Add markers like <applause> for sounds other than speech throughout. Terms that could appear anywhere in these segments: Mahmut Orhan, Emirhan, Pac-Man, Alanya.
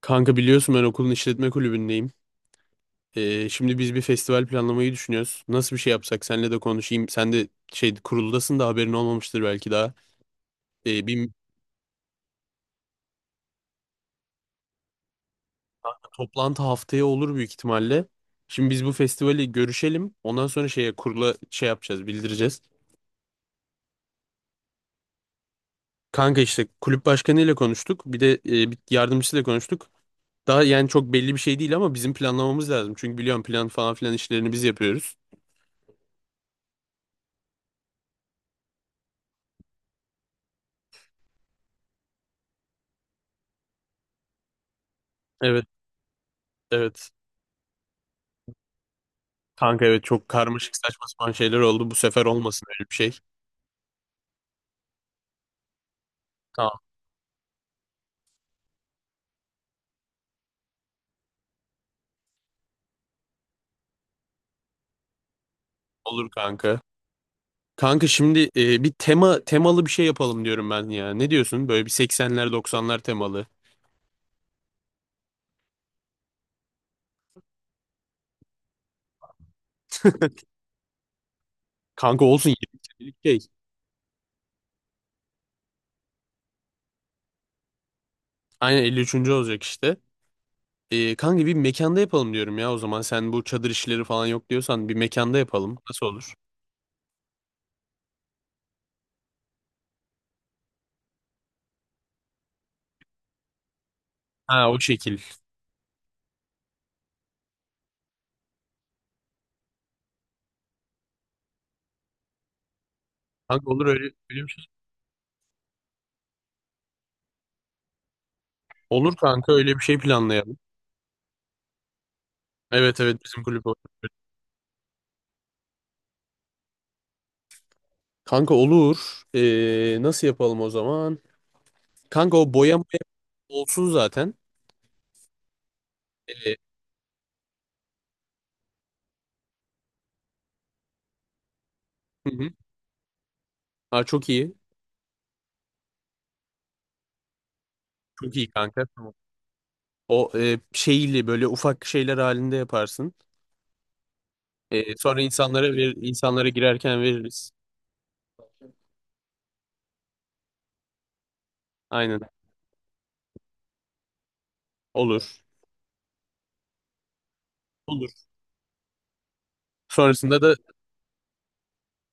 Kanka biliyorsun ben okulun işletme kulübündeyim. Şimdi biz bir festival planlamayı düşünüyoruz. Nasıl bir şey yapsak senle de konuşayım. Sen de şey kuruldasın da haberin olmamıştır belki daha. Bir toplantı haftaya olur büyük ihtimalle. Şimdi biz bu festivali görüşelim. Ondan sonra şeye kurula şey yapacağız, bildireceğiz. Kanka işte kulüp başkanıyla konuştuk. Bir de bir yardımcısıyla konuştuk. Daha yani çok belli bir şey değil ama bizim planlamamız lazım. Çünkü biliyorum plan falan filan işlerini biz yapıyoruz. Evet, evet. Kanka evet çok karmaşık saçma sapan şeyler oldu. Bu sefer olmasın öyle bir şey. Tamam olur kanka. Kanka şimdi bir tema temalı bir şey yapalım diyorum ben ya. Ne diyorsun? Böyle bir 80'ler 90'lar temalı. <laughs> Kanka olsun 20 senelik şey. Aynen 53. olacak işte. Kanka bir mekanda yapalım diyorum ya o zaman. Sen bu çadır işleri falan yok diyorsan bir mekanda yapalım. Nasıl olur? Ha o şekil. Kanka olur öyle bir şey. Olur kanka öyle bir şey planlayalım. Evet evet bizim kulüp olur. Kanka olur. Nasıl yapalım o zaman? Kanka o boyama olsun zaten. Ee, hı hı. Aa, çok iyi. Çok iyi kanka. Tamam. O şeyli böyle ufak şeyler halinde yaparsın. Sonra insanlara girerken veririz. Aynen. Olur. Olur. Sonrasında da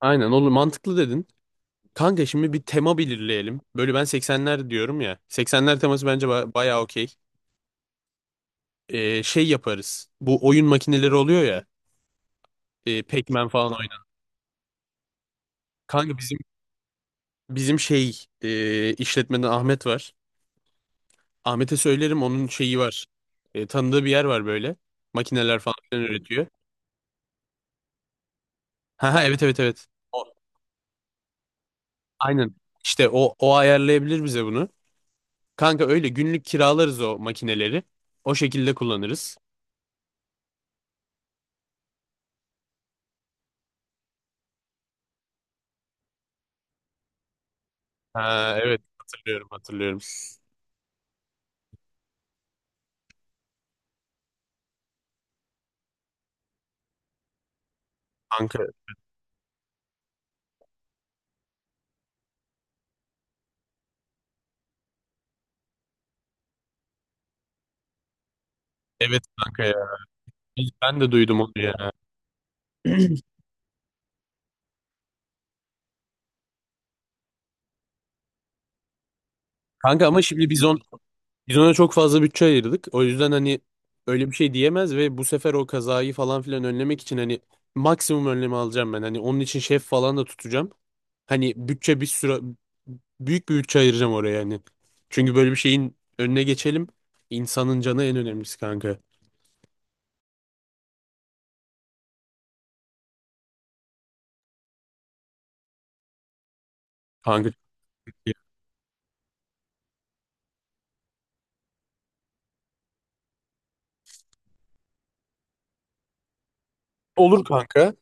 aynen olur. Mantıklı dedin. Kanka şimdi bir tema belirleyelim. Böyle ben 80'ler diyorum ya. 80'ler teması bence bayağı okey. Şey yaparız. Bu oyun makineleri oluyor ya. Pac-Man falan oynan. Kanka bizim şey işletmeden Ahmet var. Ahmet'e söylerim onun şeyi var. Tanıdığı bir yer var böyle. Makineler falan filan üretiyor. Ha ha evet evet evet. O, aynen. İşte o ayarlayabilir bize bunu. Kanka öyle günlük kiralarız o makineleri. O şekilde kullanırız. Ha evet hatırlıyorum hatırlıyorum. Kanka evet kanka ya. Ben de duydum onu ya. Kanka ama şimdi biz ona çok fazla bütçe ayırdık. O yüzden hani öyle bir şey diyemez ve bu sefer o kazayı falan filan önlemek için hani maksimum önlemi alacağım ben. Hani onun için şef falan da tutacağım. Hani bütçe bir süre büyük bir bütçe ayıracağım oraya yani. Çünkü böyle bir şeyin önüne geçelim. İnsanın canı en önemlisi kanka. Kanka. Olur kanka.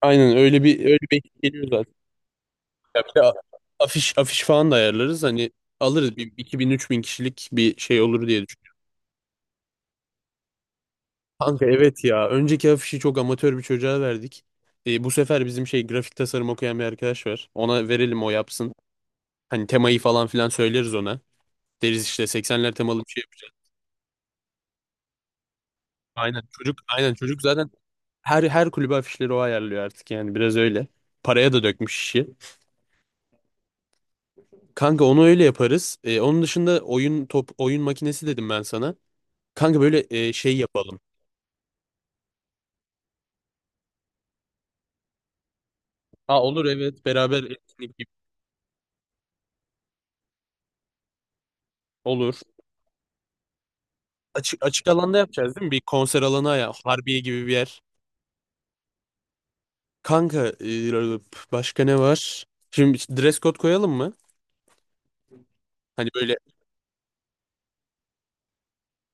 Aynen öyle bir ekip geliyor zaten. Ya bir de afiş falan da ayarlarız. Hani alırız bir iki bin üç bin kişilik bir şey olur diye düşünüyorum. Kanka evet ya. Önceki afişi çok amatör bir çocuğa verdik. Bu sefer bizim şey grafik tasarım okuyan bir arkadaş var. Ona verelim o yapsın. Hani temayı falan filan söyleriz ona. Deriz işte 80'ler temalı bir şey. Aynen çocuk aynen çocuk zaten her kulübe afişleri o ayarlıyor artık yani biraz öyle. Paraya da dökmüş işi. Kanka onu öyle yaparız. Onun dışında oyun makinesi dedim ben sana. Kanka böyle şey yapalım. Aa olur evet beraber etkinlik gibi olur. Açık alanda yapacağız değil mi? Bir konser alanı ya Harbiye gibi bir yer. Kanka başka ne var? Şimdi dress code koyalım mı? Hani böyle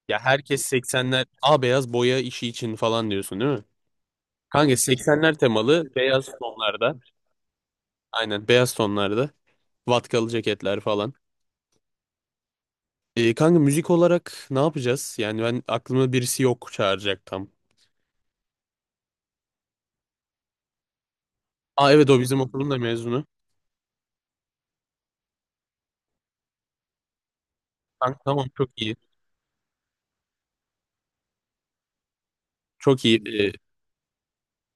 ya herkes 80'ler A beyaz boya işi için falan diyorsun değil mi? Kanka 80'ler temalı beyaz tonlarda. Aynen beyaz tonlarda. Vatkalı ceketler falan. Kanka müzik olarak ne yapacağız? Yani ben aklımda birisi yok çağıracak tam. Aa evet o bizim okulun da mezunu. Kanka tamam çok iyi. Çok iyi.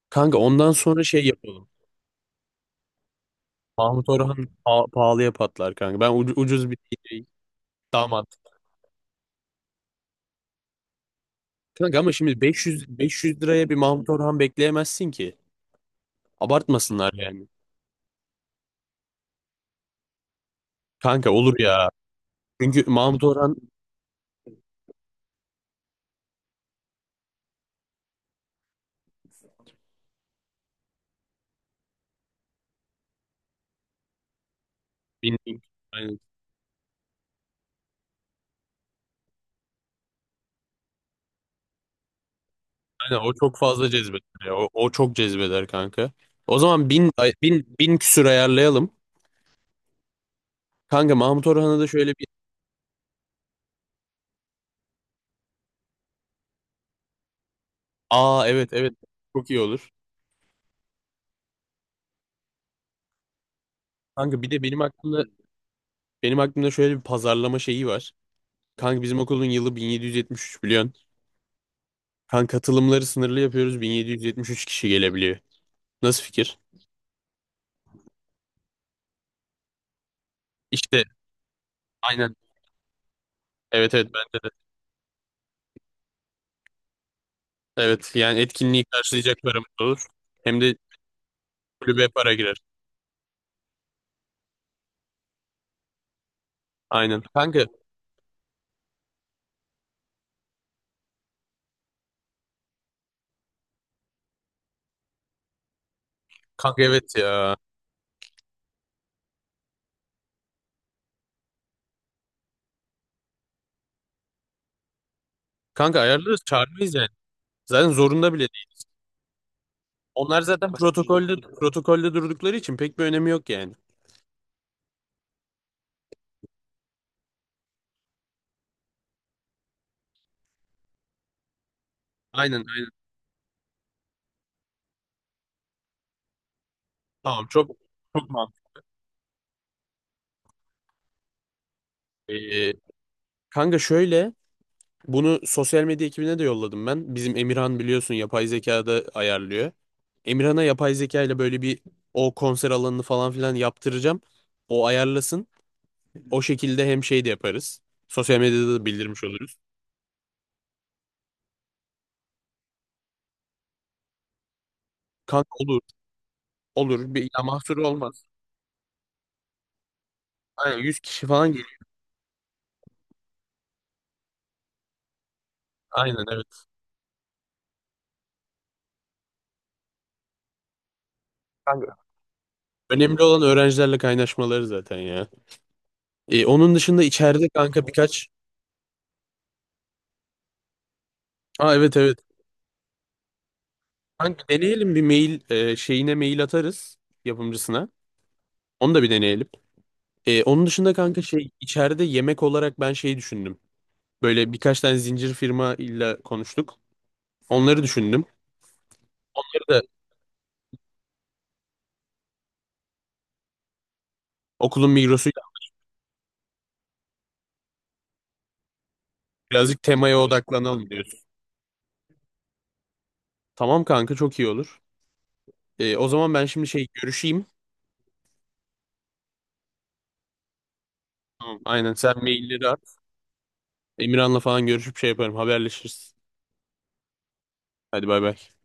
Kanka ondan sonra şey yapalım. Mahmut Orhan pahalıya patlar kanka. Ben ucuz bir DJ, damat. Kanka ama şimdi 500 500 liraya bir Mahmut Orhan bekleyemezsin ki. Abartmasınlar yani. Kanka olur ya. Çünkü Mahmut Orhan 1000. Aynen, o çok fazla cezbeder. Ya. O çok cezbeder kanka. O zaman 1000 küsür ayarlayalım. Kanka Mahmut Orhan'a da şöyle bir aa evet evet çok iyi olur. Kanka bir de benim aklımda şöyle bir pazarlama şeyi var. Kanka bizim okulun yılı 1773 biliyorsun. Kanka katılımları sınırlı yapıyoruz. 1773 kişi gelebiliyor. Nasıl fikir? İşte aynen. Evet evet bence de. Evet yani etkinliği karşılayacak paramız olur. Hem de kulübe para girer. Aynen. Kanka evet ya. Kanka ayarlarız çağırmayız yani. Zaten zorunda bile değil. Onlar zaten protokolde durdukları için pek bir önemi yok yani. Aynen aynen. Tamam çok çok mantıklı. Ee, kanka şöyle bunu sosyal medya ekibine de yolladım ben. Bizim Emirhan biliyorsun yapay zekada ayarlıyor. Emirhan'a yapay zeka ile böyle bir o konser alanını falan filan yaptıracağım. O ayarlasın. O şekilde hem şey de yaparız. Sosyal medyada da bildirmiş oluruz. Kanka olur olur bir ya mahsuru olmaz. Aynen 100 kişi falan geliyor. Aynen evet. Önemli olan öğrencilerle kaynaşmaları zaten ya. Onun dışında içeride kanka birkaç... Aa evet evet. Kanka deneyelim bir mail şeyine mail atarız yapımcısına. Onu da bir deneyelim. Onun dışında kanka şey içeride yemek olarak ben şey düşündüm. Böyle birkaç tane zincir firma ile konuştuk. Onları düşündüm. Ya da okulun Migros'uyla birazcık temaya odaklanalım diyorsun. Tamam kanka çok iyi olur. O zaman ben şimdi şey görüşeyim. Tamam, aynen sen mailleri at. Emirhan'la falan görüşüp şey yaparım haberleşiriz. Hadi bay bay.